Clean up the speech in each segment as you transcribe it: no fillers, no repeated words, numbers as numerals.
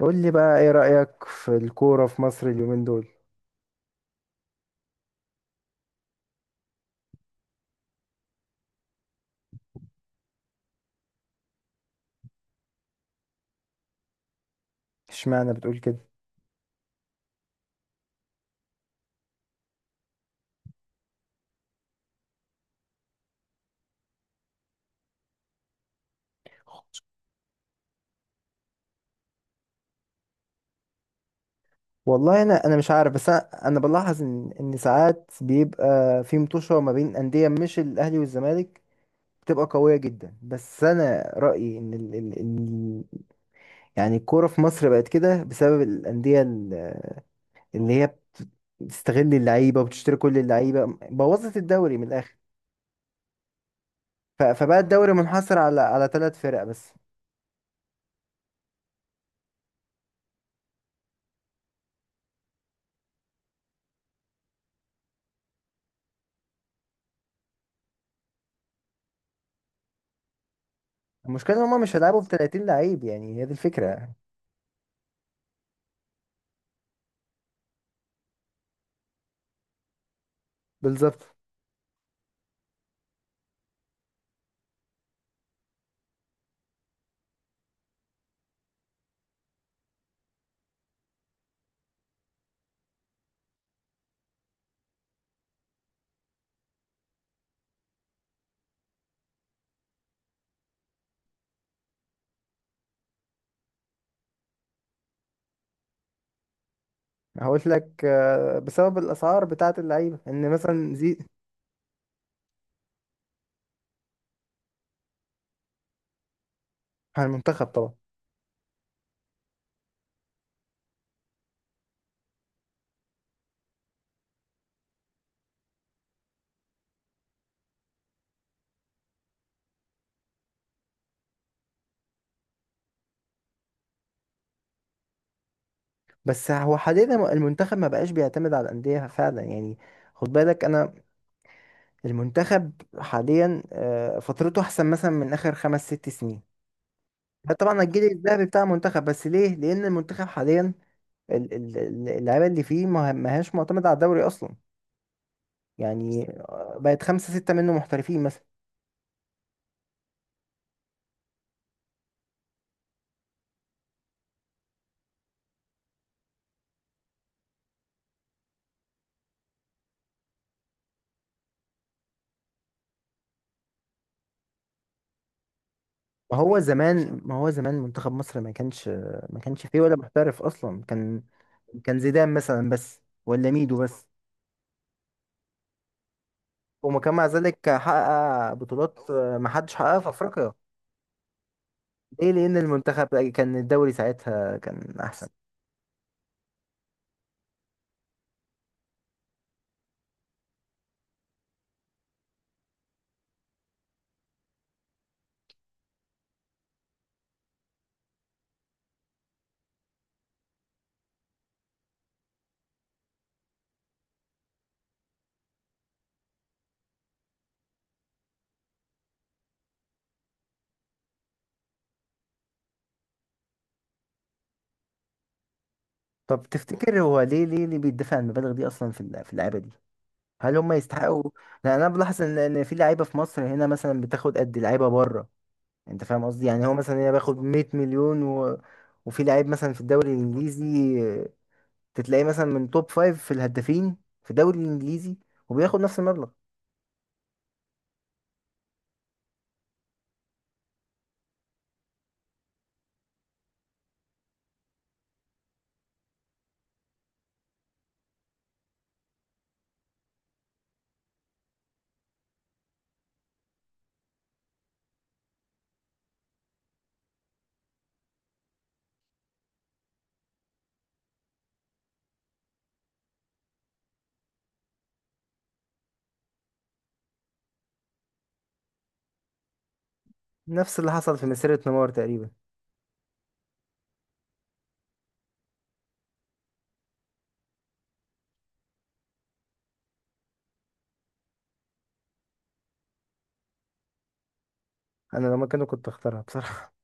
قول لي بقى، ايه رأيك في الكورة في مصر اليومين دول؟ اشمعنى بتقول كده؟ والله انا مش عارف، بس انا بلاحظ ان ساعات بيبقى في مطوشه ما بين انديه مش الاهلي والزمالك، بتبقى قويه جدا. بس انا رايي ان ال ال ال يعني الكوره في مصر بقت كده بسبب الانديه اللي هي بتستغل اللعيبه وبتشتري كل اللعيبه، بوظت الدوري من الاخر. فبقى الدوري منحصر على ثلاث فرق بس. المشكله ان هم مش هيلعبوا ب 30 لعيب، يعني هي دي الفكره. بالظبط. هقول لك، بسبب الاسعار بتاعه اللعيبه، ان مثلا زي. على المنتخب طبعا. بس هو حاليا المنتخب ما بقاش بيعتمد على الانديه فعلا يعني، خد بالك انا. المنتخب حاليا فترته احسن مثلا من اخر خمس ست سنين. طبعا الجيل الذهبي بتاع المنتخب، بس ليه؟ لان المنتخب حاليا اللعيبه اللي فيه ما هياش معتمده على الدوري اصلا، يعني بقت خمسه سته منه محترفين. ما هو زمان منتخب مصر ما كانش، ما كانش فيه ولا محترف اصلا، كان كان زيدان مثلا بس ولا ميدو بس، وما كان مع ذلك حقق بطولات ما حدش حققها في افريقيا. ليه؟ لان المنتخب كان الدوري ساعتها كان احسن. طب تفتكر هو ليه اللي بيدفع المبالغ دي اصلا في اللعيبه دي؟ هل هم يستحقوا؟ لان انا بلاحظ ان في لعيبه في مصر هنا مثلا بتاخد قد لعيبه بره، انت فاهم قصدي؟ يعني هو مثلا هنا بياخد 100 مليون وفي لعيب مثلا في الدوري الانجليزي تتلاقيه مثلا من توب فايف في الهدافين في الدوري الانجليزي، وبياخد نفس المبلغ. نفس اللي حصل في مسيرة نيمار تقريبا. انا لو مكانه كنت اختارها بصراحة.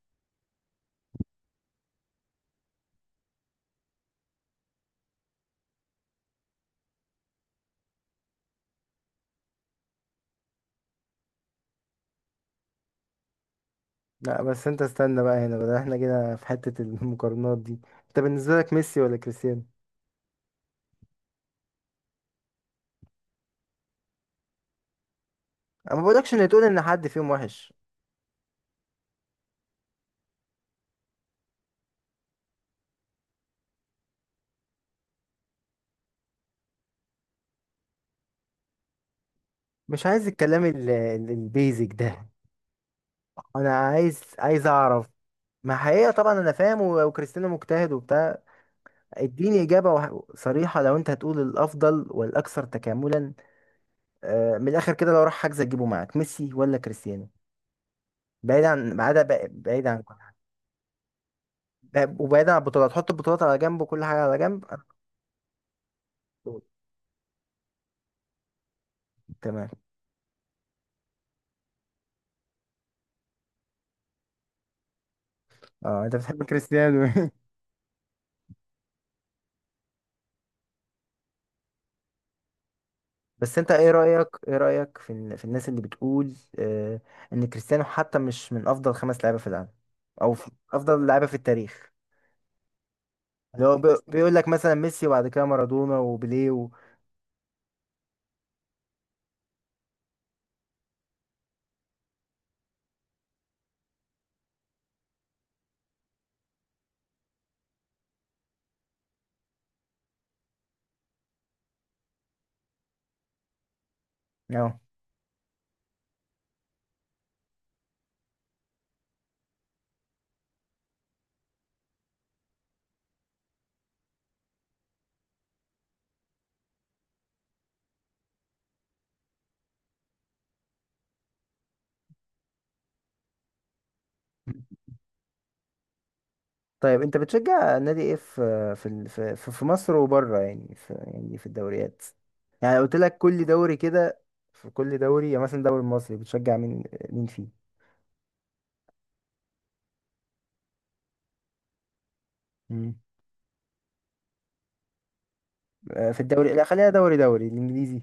لا بس انت استنى بقى، هنا بقى احنا كده في حتة المقارنات دي، انت بالنسبة لك ميسي ولا كريستيانو؟ انا ما بقولكش ان تقول ان حد فيهم وحش، مش عايز الكلام البيزك ده، انا عايز اعرف ما حقيقة، طبعا انا فاهم وكريستيانو مجتهد وبتاع، اديني اجابة صريحة، لو انت هتقول الافضل والاكثر تكاملا، من الاخر كده، لو راح حجز تجيبه معاك ميسي ولا كريستيانو؟ بعيد عن بعيد، بعيد عن كل حاجة. وبعيد عن البطولات، حط البطولات على جنب وكل حاجه على جنب، أنا مبسوط. تمام. اه انت بتحب كريستيانو. بس انت ايه رايك في الناس اللي بتقول، ان كريستيانو حتى مش من افضل خمس لعيبه في العالم او في افضل لعيبه في التاريخ، اللي هو بيقول لك مثلا ميسي وبعد كده مارادونا وبيليه آه. طيب، انت بتشجع نادي ايه في مصر وبره، يعني في، يعني في الدوريات، يعني قلت لك كل دوري كده، في كل دوري يعني مثلا الدوري المصري بتشجع مين؟ مين فيه؟ مم. في الدوري، لا، خلينا دوري الانجليزي.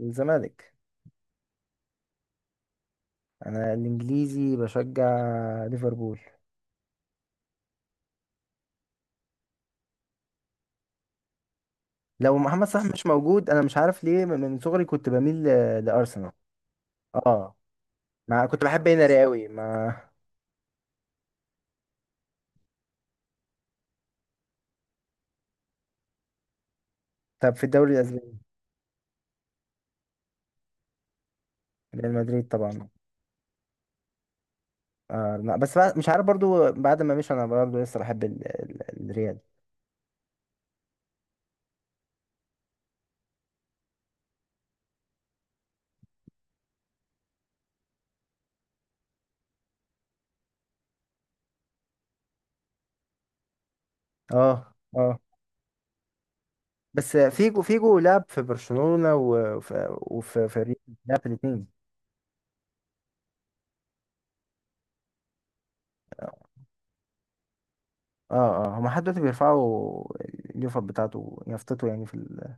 الزمالك. انا الانجليزي بشجع ليفربول. لو محمد صلاح مش موجود، انا مش عارف ليه، من صغري كنت بميل لارسنال. اه، ما كنت بحب هنري قوي ما. طب في الدوري الاسباني؟ ريال مدريد طبعا. آه لا، بس بعد مش عارف برضو، بعد ما مشي انا برضو لسه بحب الريال. اه اه، بس فيجو لعب في برشلونة وفي ريال، لعب في الاتنين. اه اه، اه، هما لحد دلوقتي بيرفعوا اليوفر بتاعته، يافطته، يعني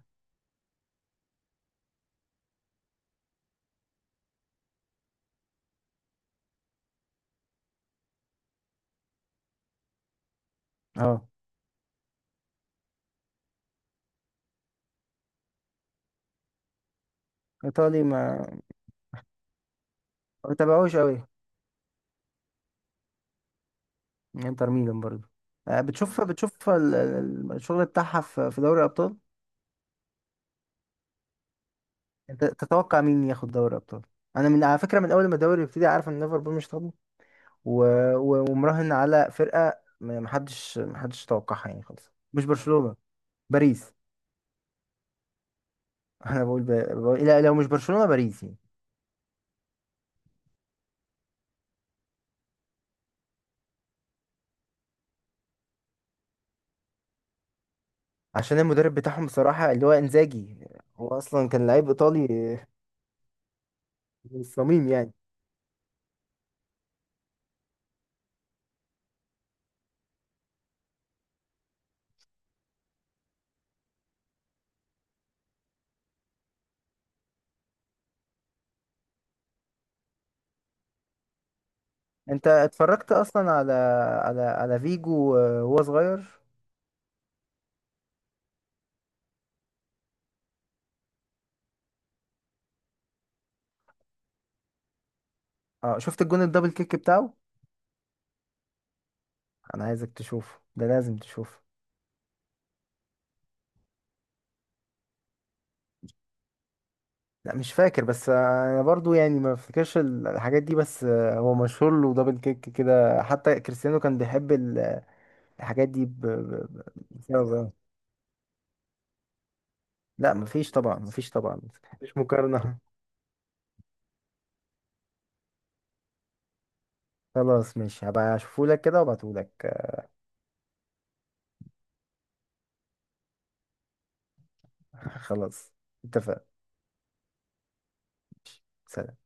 اه ايطالي ما. ما بتابعوش قوي. انتر ميلان برضو. آه بتشوف الشغل بتاعها في دوري الابطال. انت تتوقع مين ياخد دوري الابطال؟ انا من على فكرة، من اول ما الدوري يبتدي، عارف ان ليفربول مش هتاخد، ومراهن على فرقة، محدش توقعها يعني خالص، مش برشلونة، باريس. انا بقول لا، لو مش برشلونة، باريس يعني. عشان المدرب بتاعهم بصراحة اللي هو انزاجي، هو اصلا كان لعيب ايطالي من الصميم يعني. انت اتفرجت اصلا على، على فيجو وهو صغير؟ اه، شفت الجون الدبل كيك بتاعه؟ انا عايزك تشوفه، ده لازم تشوفه. لا مش فاكر، بس انا برضو يعني ما افتكرش الحاجات دي، بس هو مشهور له دبل كيك كده، حتى كريستيانو كان بيحب الحاجات دي بسبب ده. لا مفيش طبعا، مفيش طبعا، مفيش مقارنة. خلاص ماشي، هبقى اشوفهولك كده وابعتهولك. خلاص، اتفقنا. سلام.